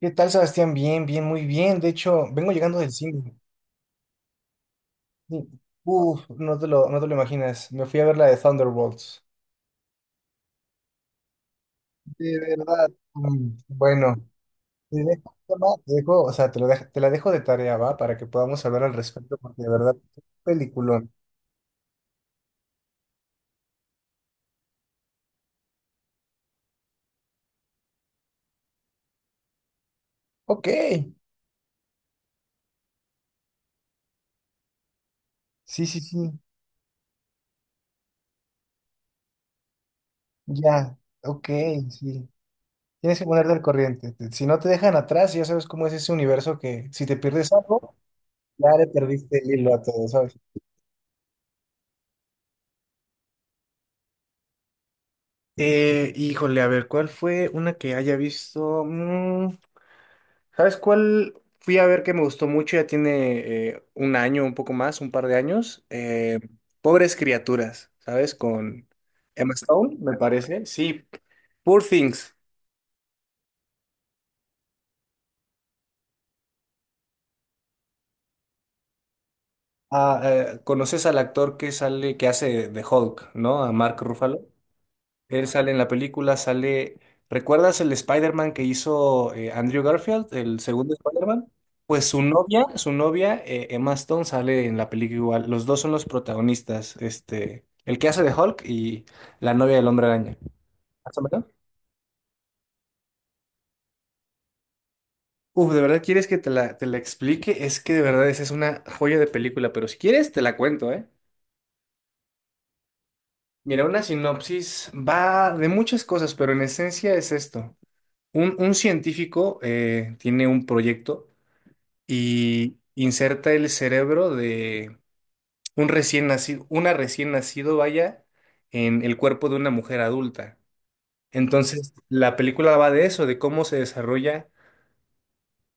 ¿Qué tal, Sebastián? Bien, bien, muy bien. De hecho, vengo llegando del cine. Sí. Uf, no te lo imaginas. Me fui a ver la de Thunderbolts. De verdad. Bueno, te dejo, ¿no? te dejo- o sea, te lo dejo- te la dejo de tarea, ¿va? Para que podamos hablar al respecto, porque de verdad, qué peliculón. Ok, sí, sí, sí, ya, ok, sí. Tienes que ponerte al corriente. Si no te dejan atrás, ya sabes cómo es ese universo que si te pierdes algo, ya le perdiste el hilo a todo, ¿sabes? Híjole, a ver, ¿cuál fue una que haya visto? ¿Sabes cuál fui a ver que me gustó mucho? Ya tiene un año, un poco más, un par de años. Pobres criaturas, ¿sabes? Con Emma Stone, me parece. Sí, Poor Things. ¿Conoces al actor que sale, que hace de Hulk, ¿no? A Mark Ruffalo. Él sale en la película, sale. ¿Recuerdas el Spider-Man que hizo Andrew Garfield, el segundo Spider-Man? Pues su novia, Emma Stone, sale en la película igual. Los dos son los protagonistas. Este, el que hace de Hulk y la novia del Hombre Araña. ¿Más o menos? Uf, ¿de verdad quieres que te la explique? Es que de verdad esa es una joya de película, pero si quieres te la cuento, ¿eh? Mira, una sinopsis va de muchas cosas, pero en esencia es esto. Un científico tiene un proyecto y inserta el cerebro de un recién nacido, una recién nacido, vaya, en el cuerpo de una mujer adulta. Entonces, la película va de eso, de cómo se desarrolla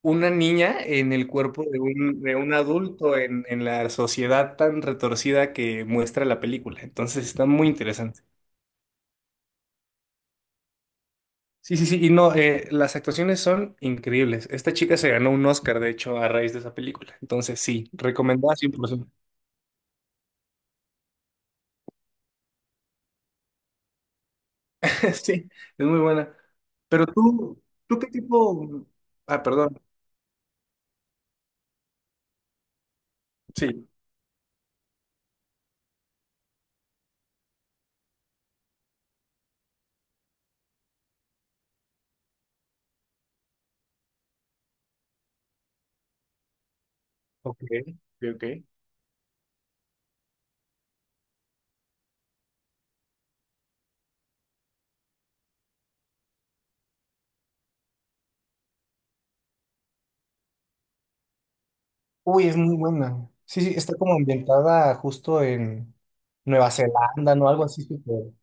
una niña en el cuerpo de un adulto en la sociedad tan retorcida que muestra la película. Entonces, está muy interesante. Sí, sí, sí, y no, las actuaciones son increíbles. Esta chica se ganó un Oscar, de hecho, a raíz de esa película. Entonces, sí, recomendada 100%. Sí, es muy buena. Pero tú, ¿tú qué tipo? Ah, perdón. Sí. Ok, ok, ok. Uy, es muy buena. Sí, sí, está como ambientada justo en Nueva Zelanda, ¿no? Algo así súper.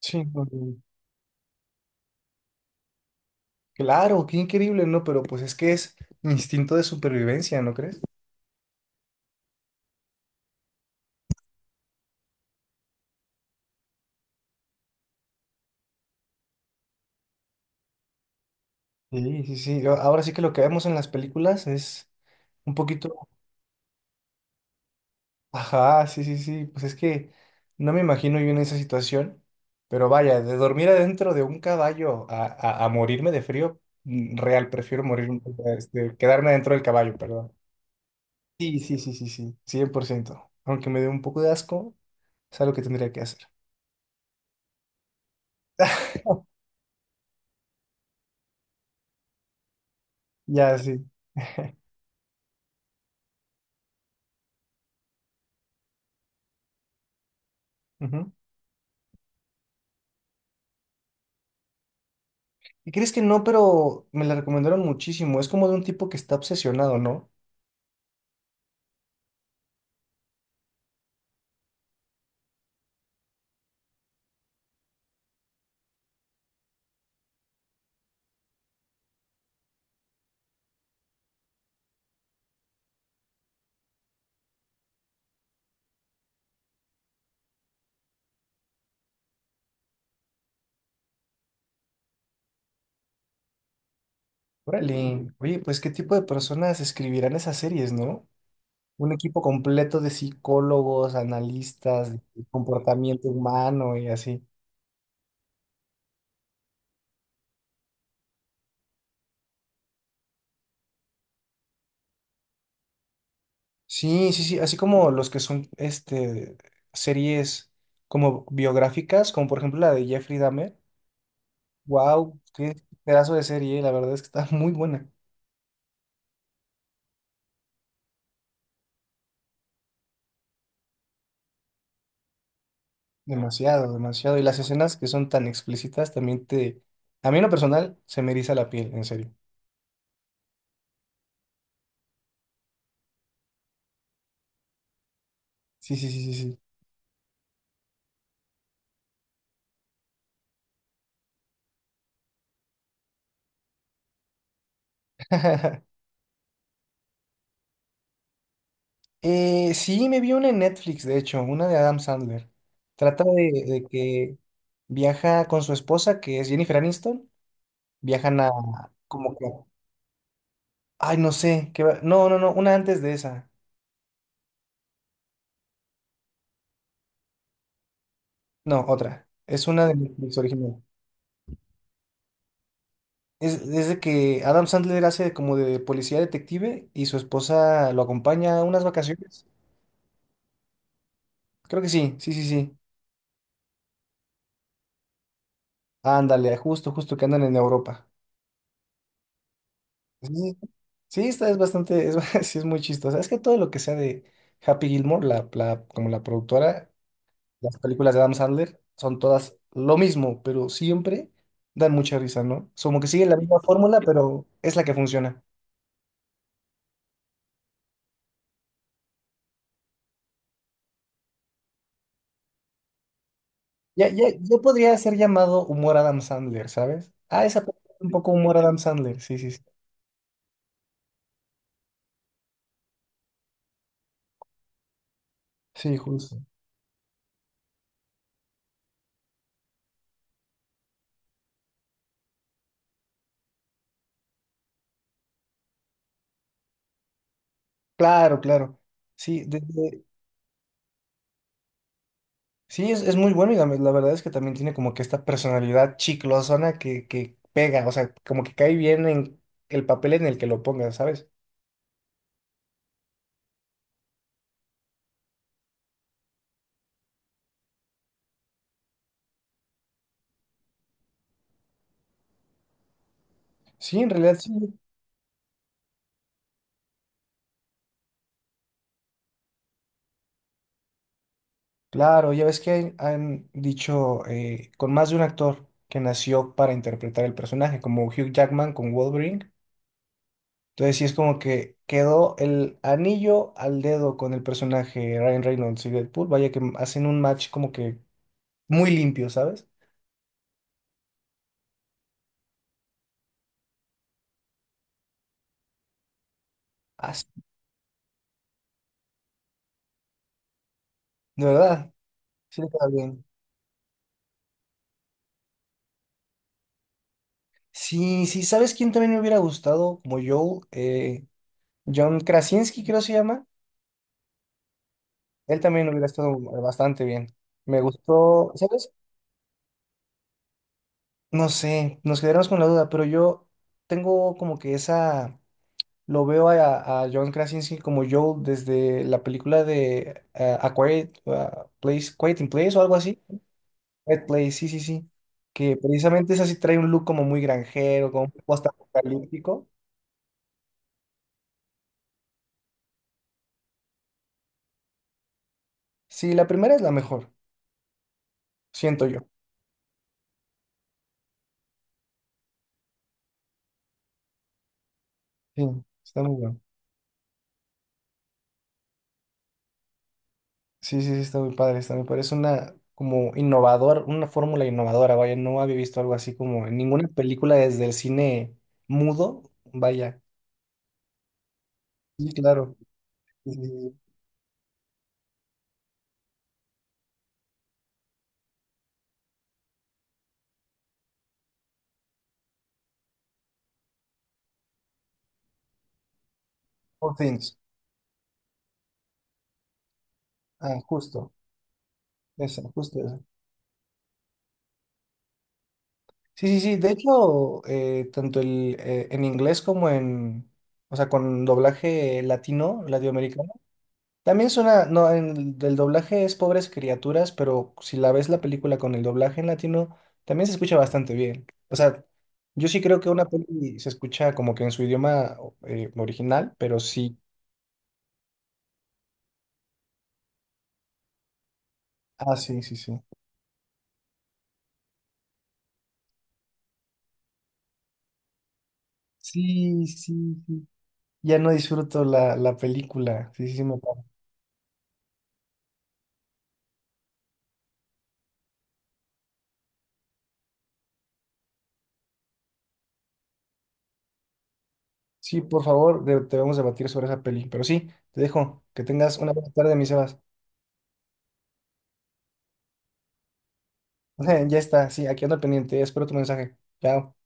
Sí, no, no, claro, qué increíble, ¿no? Pero pues es que es instinto de supervivencia, ¿no crees? Sí, sí, sí. Ahora sí que lo que vemos en las películas es un poquito. Ajá, sí, sí, sí. Pues es que no me imagino yo en esa situación, pero vaya, de dormir adentro de un caballo a, a morirme de frío, real, prefiero morir, este, quedarme dentro del caballo, perdón. Sí, sí, sí, sí, sí, cien por ciento. Aunque me dé un poco de asco, es algo que tendría que hacer. Ya, sí. Ujú. ¿Y crees que no? Pero me la recomendaron muchísimo. Es como de un tipo que está obsesionado, ¿no? Órale. Oye, pues ¿qué tipo de personas escribirán esas series, no? Un equipo completo de psicólogos, analistas, de comportamiento humano y así. Sí, sí, sí, así como los que son este, series como biográficas, como por ejemplo la de Jeffrey Dahmer. Wow, qué pedazo de serie, la verdad es que está muy buena. Demasiado, demasiado. Y las escenas que son tan explícitas también te... A mí en lo personal se me eriza la piel, en serio. Sí, sí, sí, sí, sí. Sí, me vi una en Netflix, de hecho, una de Adam Sandler. Trata de que viaja con su esposa, que es Jennifer Aniston. Viajan a, como que, ay, no sé, qué va- no, no, no, una antes de esa. No, otra. Es una de Netflix original. Es de que Adam Sandler hace como de policía detective y su esposa lo acompaña a unas vacaciones. Creo que sí, sí, sí, sí. Ándale, justo, justo que andan en Europa. Sí, sí, esta es bastante, es, sí, es muy chistosa. Es que todo lo que sea de Happy Gilmore, como la productora, las películas de Adam Sandler son todas lo mismo, pero siempre dan mucha risa, ¿no? Es como que sigue la misma fórmula, pero es la que funciona. Ya podría ser llamado humor Adam Sandler, ¿sabes? Ah, esa película es un poco humor Adam Sandler, sí, sí, sí. Sí, justo. Claro, claro. Sí, desde, sí, es muy bueno y la verdad es que también tiene como que esta personalidad chiclosona que pega, o sea, como que cae bien en el papel en el que lo pongas, ¿sabes? Sí, en realidad sí. Claro, ya ves que han dicho con más de un actor que nació para interpretar el personaje, como Hugh Jackman con Wolverine. Entonces sí es como que quedó el anillo al dedo con el personaje Ryan Reynolds y Deadpool, vaya que hacen un match como que muy limpio, ¿sabes? Así, de verdad, sí le queda bien. Sí, sí, ¿sabes quién también me hubiera gustado? Como Joel, John Krasinski creo se llama. Él también hubiera estado bastante bien. Me gustó, ¿sabes? No sé, nos quedaremos con la duda, pero yo tengo como que esa, lo veo a John Krasinski como Joel desde la película de A Quiet Place, Quiet in Place o algo así. Quiet Place, sí, sí, sí. Que precisamente es así, trae un look como muy granjero, como un poco hasta apocalíptico. Sí, la primera es la mejor, siento yo. Sí, está muy bueno. Sí, sí, sí, está muy padre, está muy padre. Es una como innovador, una fórmula innovadora, vaya, no había visto algo así como en ninguna película desde el cine mudo, vaya. Sí, claro. Y Poor Things. Ah, justo, esa, justo esa. Sí, sí, sí, de hecho, tanto el, en inglés como en, o sea, con doblaje latino, latinoamericano. También suena, no, el doblaje es Pobres Criaturas, pero si la ves la película con el doblaje en latino, también se escucha bastante bien. O sea, yo sí creo que una peli se escucha como que en su idioma original, pero sí. Ah, sí, sí, sí. Sí, sí, sí. Ya no disfruto la película. Sí, sí, sí, me pasa. Sí, por favor, debemos debatir sobre esa peli. Pero sí, te dejo. Que tengas una buena tarde, mi Sebas. Ya está, sí, aquí ando al pendiente. Espero tu mensaje. Chao.